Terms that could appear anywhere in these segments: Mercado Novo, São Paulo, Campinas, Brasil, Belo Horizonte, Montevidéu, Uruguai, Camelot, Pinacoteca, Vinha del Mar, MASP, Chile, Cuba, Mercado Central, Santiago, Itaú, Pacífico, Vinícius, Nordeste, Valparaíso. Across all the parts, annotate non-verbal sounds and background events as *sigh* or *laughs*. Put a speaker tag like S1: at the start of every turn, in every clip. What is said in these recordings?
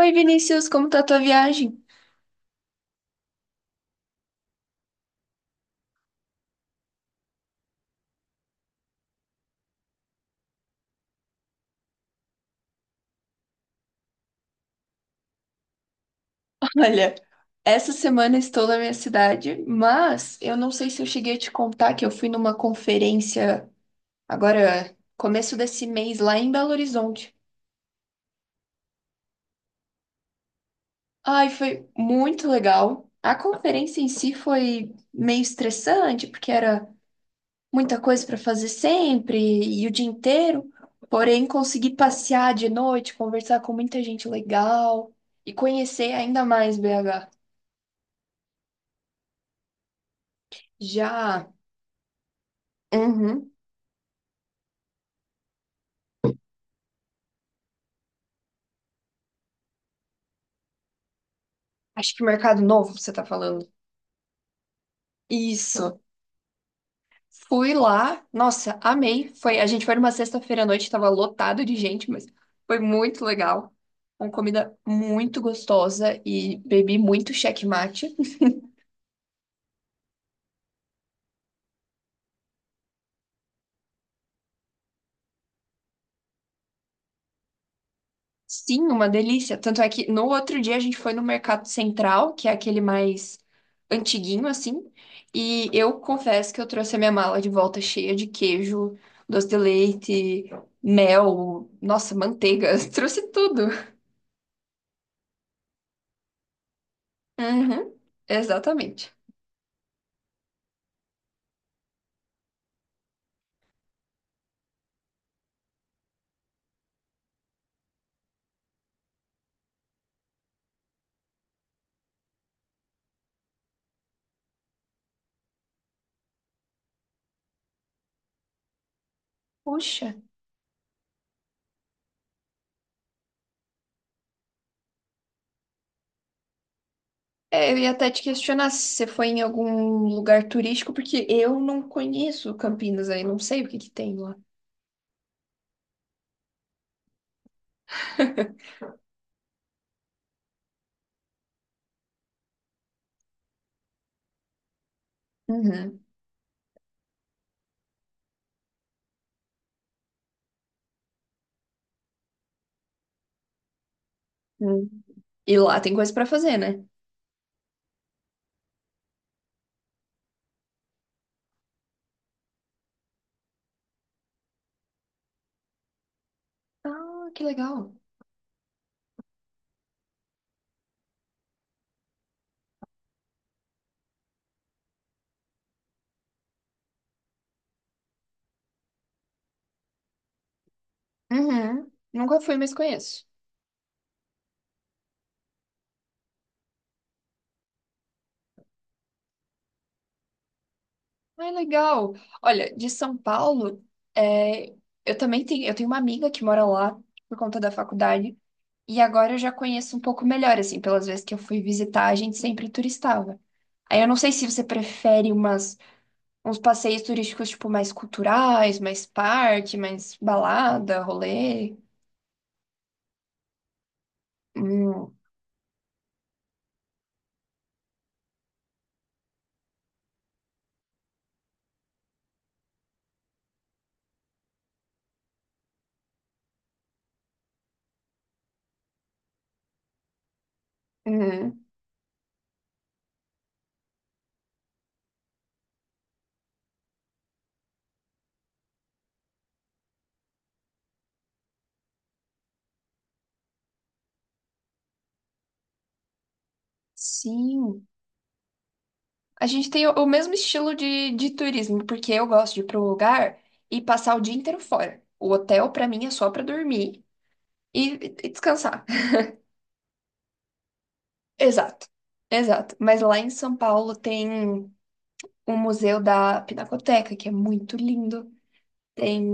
S1: Oi, Vinícius, como tá a tua viagem? *laughs* Olha, essa semana estou na minha cidade, mas eu não sei se eu cheguei a te contar que eu fui numa conferência agora, começo desse mês, lá em Belo Horizonte. Ai, foi muito legal. A conferência em si foi meio estressante, porque era muita coisa para fazer sempre e o dia inteiro. Porém, consegui passear de noite, conversar com muita gente legal e conhecer ainda mais BH. Já. Uhum. Acho que Mercado Novo, você tá falando. Isso. Fui lá, nossa, amei. A gente foi numa sexta-feira à noite, tava lotado de gente, mas foi muito legal. Uma comida muito gostosa e bebi muito checkmate. Sim, uma delícia. Tanto é que no outro dia a gente foi no Mercado Central, que é aquele mais antiguinho assim, e eu confesso que eu trouxe a minha mala de volta cheia de queijo, doce de leite, mel, nossa, manteiga, *laughs* trouxe tudo. Uhum, exatamente. Puxa, é, eu ia até te questionar se você foi em algum lugar turístico, porque eu não conheço Campinas aí, não sei o que que tem lá. Uhum. Hum. E lá tem coisa pra fazer, né? Ah, que legal. Uhum. Nunca fui, mas conheço. Ah, legal. Olha, de São Paulo, é, eu tenho uma amiga que mora lá por conta da faculdade. E agora eu já conheço um pouco melhor, assim, pelas vezes que eu fui visitar, a gente sempre turistava. Aí eu não sei se você prefere uns passeios turísticos, tipo, mais culturais, mais parque, mais balada, rolê. Hum, uhum. Sim. A gente tem o mesmo estilo de turismo, porque eu gosto de ir para um lugar e passar o dia inteiro fora. O hotel, para mim, é só para dormir e e descansar. *laughs* Exato, exato. Mas lá em São Paulo tem o museu da Pinacoteca, que é muito lindo. Tem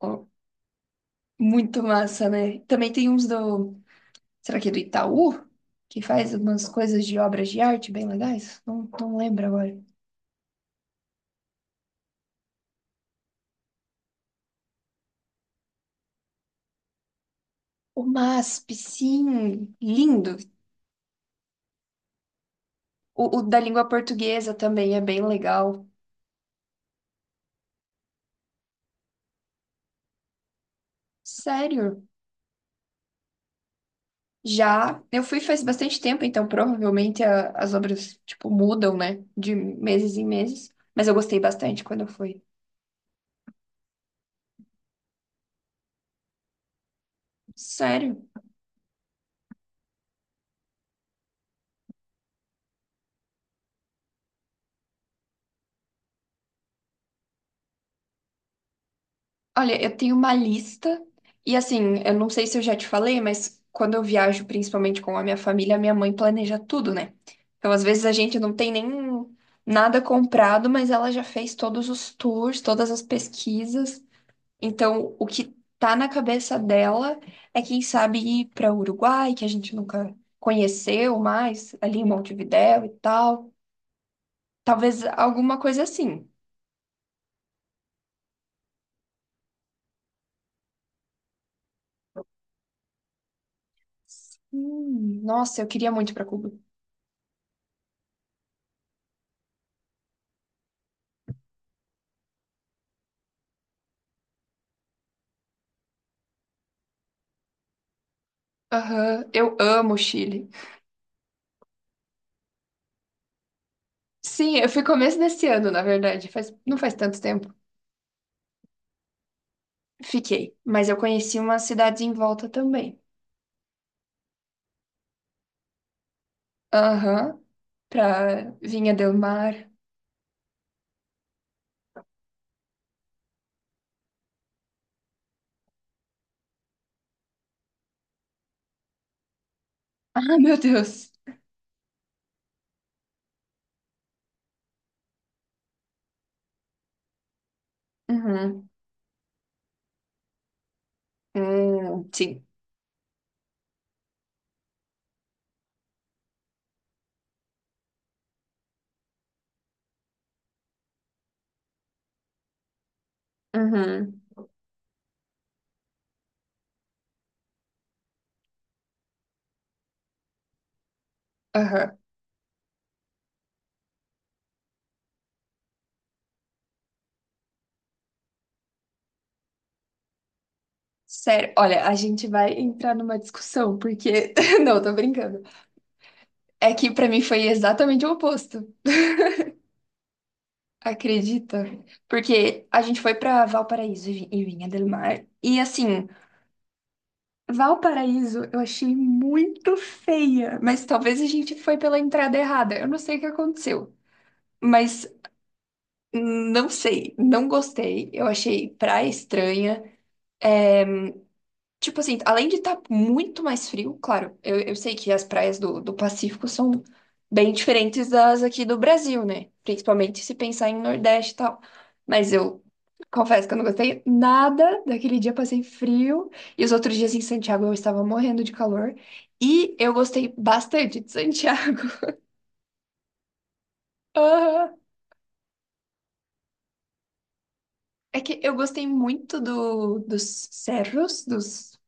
S1: ó, muito massa, né? Também tem uns do, será que é do Itaú? Que faz umas coisas de obras de arte bem legais? Não, não lembro agora. O MASP, sim, lindo. O da língua portuguesa também é bem legal. Sério. Já, eu fui faz bastante tempo, então provavelmente as obras, tipo, mudam, né? De meses em meses. Mas eu gostei bastante quando eu fui. Sério. Olha, eu tenho uma lista e assim, eu não sei se eu já te falei, mas quando eu viajo, principalmente com a minha família, minha mãe planeja tudo, né? Então, às vezes a gente não tem nem nada comprado, mas ela já fez todos os tours, todas as pesquisas. Então, o que tá na cabeça dela é quem sabe ir para Uruguai, que a gente nunca conheceu mais, ali em Montevidéu e tal. Talvez alguma coisa assim. Nossa, eu queria muito para Cuba. Aham, eu amo o Chile. Sim, eu fui começo desse ano, na verdade, não faz tanto tempo. Fiquei, mas eu conheci umas cidades em volta também. Aham, pra Vinha del Mar. *laughs* Ah, meu Deus. Uhum. Sim. Uhum. Aham. Sério, olha, a gente vai entrar numa discussão, porque. *laughs* Não, tô brincando. É que pra mim foi exatamente o oposto. Acredita? Porque a gente foi pra Valparaíso e Vinha del Mar. E assim. Valparaíso eu achei muito feia, mas talvez a gente foi pela entrada errada. Eu não sei o que aconteceu, mas não sei, não gostei. Eu achei praia estranha. Tipo assim, além de estar muito mais frio, claro, eu sei que as praias do Pacífico são bem diferentes das aqui do Brasil, né? Principalmente se pensar em Nordeste e tal. Mas eu confesso que eu não gostei nada daquele dia, passei frio. E os outros dias em Santiago eu estava morrendo de calor. E eu gostei bastante de Santiago. *laughs* Aham. É que eu gostei muito dos cerros, dos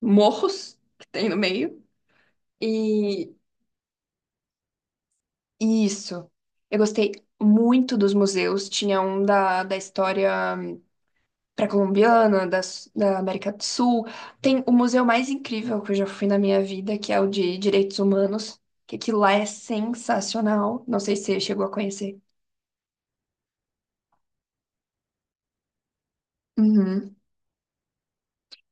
S1: morros que tem no meio. E isso. Eu gostei muito dos museus. Tinha um da história pré-colombiana, da América do Sul. Tem o museu mais incrível que eu já fui na minha vida, que é o de Direitos Humanos, que aquilo lá é sensacional. Não sei se você chegou a conhecer. Uhum.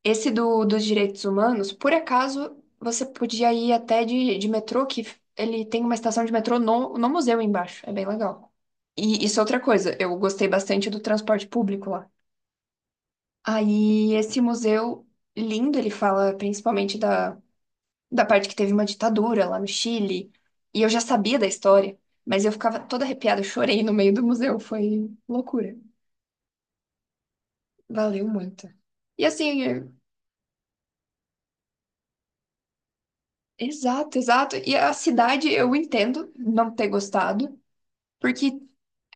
S1: Esse dos direitos humanos, por acaso, você podia ir até de metrô, que ele tem uma estação de metrô no museu embaixo. É bem legal. E isso é outra coisa. Eu gostei bastante do transporte público lá. Aí esse museu lindo, ele fala principalmente da parte que teve uma ditadura lá no Chile. E eu já sabia da história, mas eu ficava toda arrepiada, eu chorei no meio do museu, foi loucura. Valeu muito. E assim, exato, exato. E a cidade eu entendo não ter gostado, porque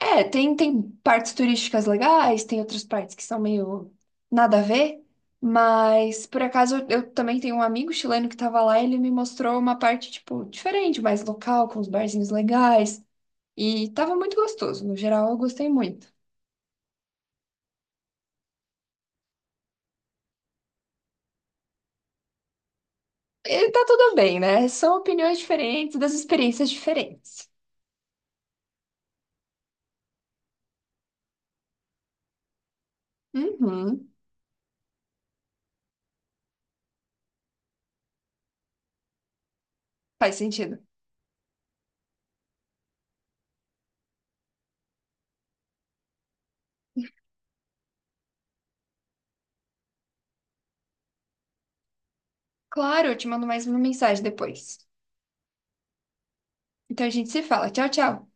S1: Tem partes turísticas legais, tem outras partes que são meio nada a ver, mas por acaso eu também tenho um amigo chileno que tava lá e ele me mostrou uma parte, tipo, diferente, mais local, com os barzinhos legais, e tava muito gostoso, no geral eu gostei muito. E tá tudo bem, né? São opiniões diferentes das experiências diferentes. Uhum, faz sentido. Claro, eu te mando mais uma mensagem depois. Então a gente se fala. Tchau, tchau.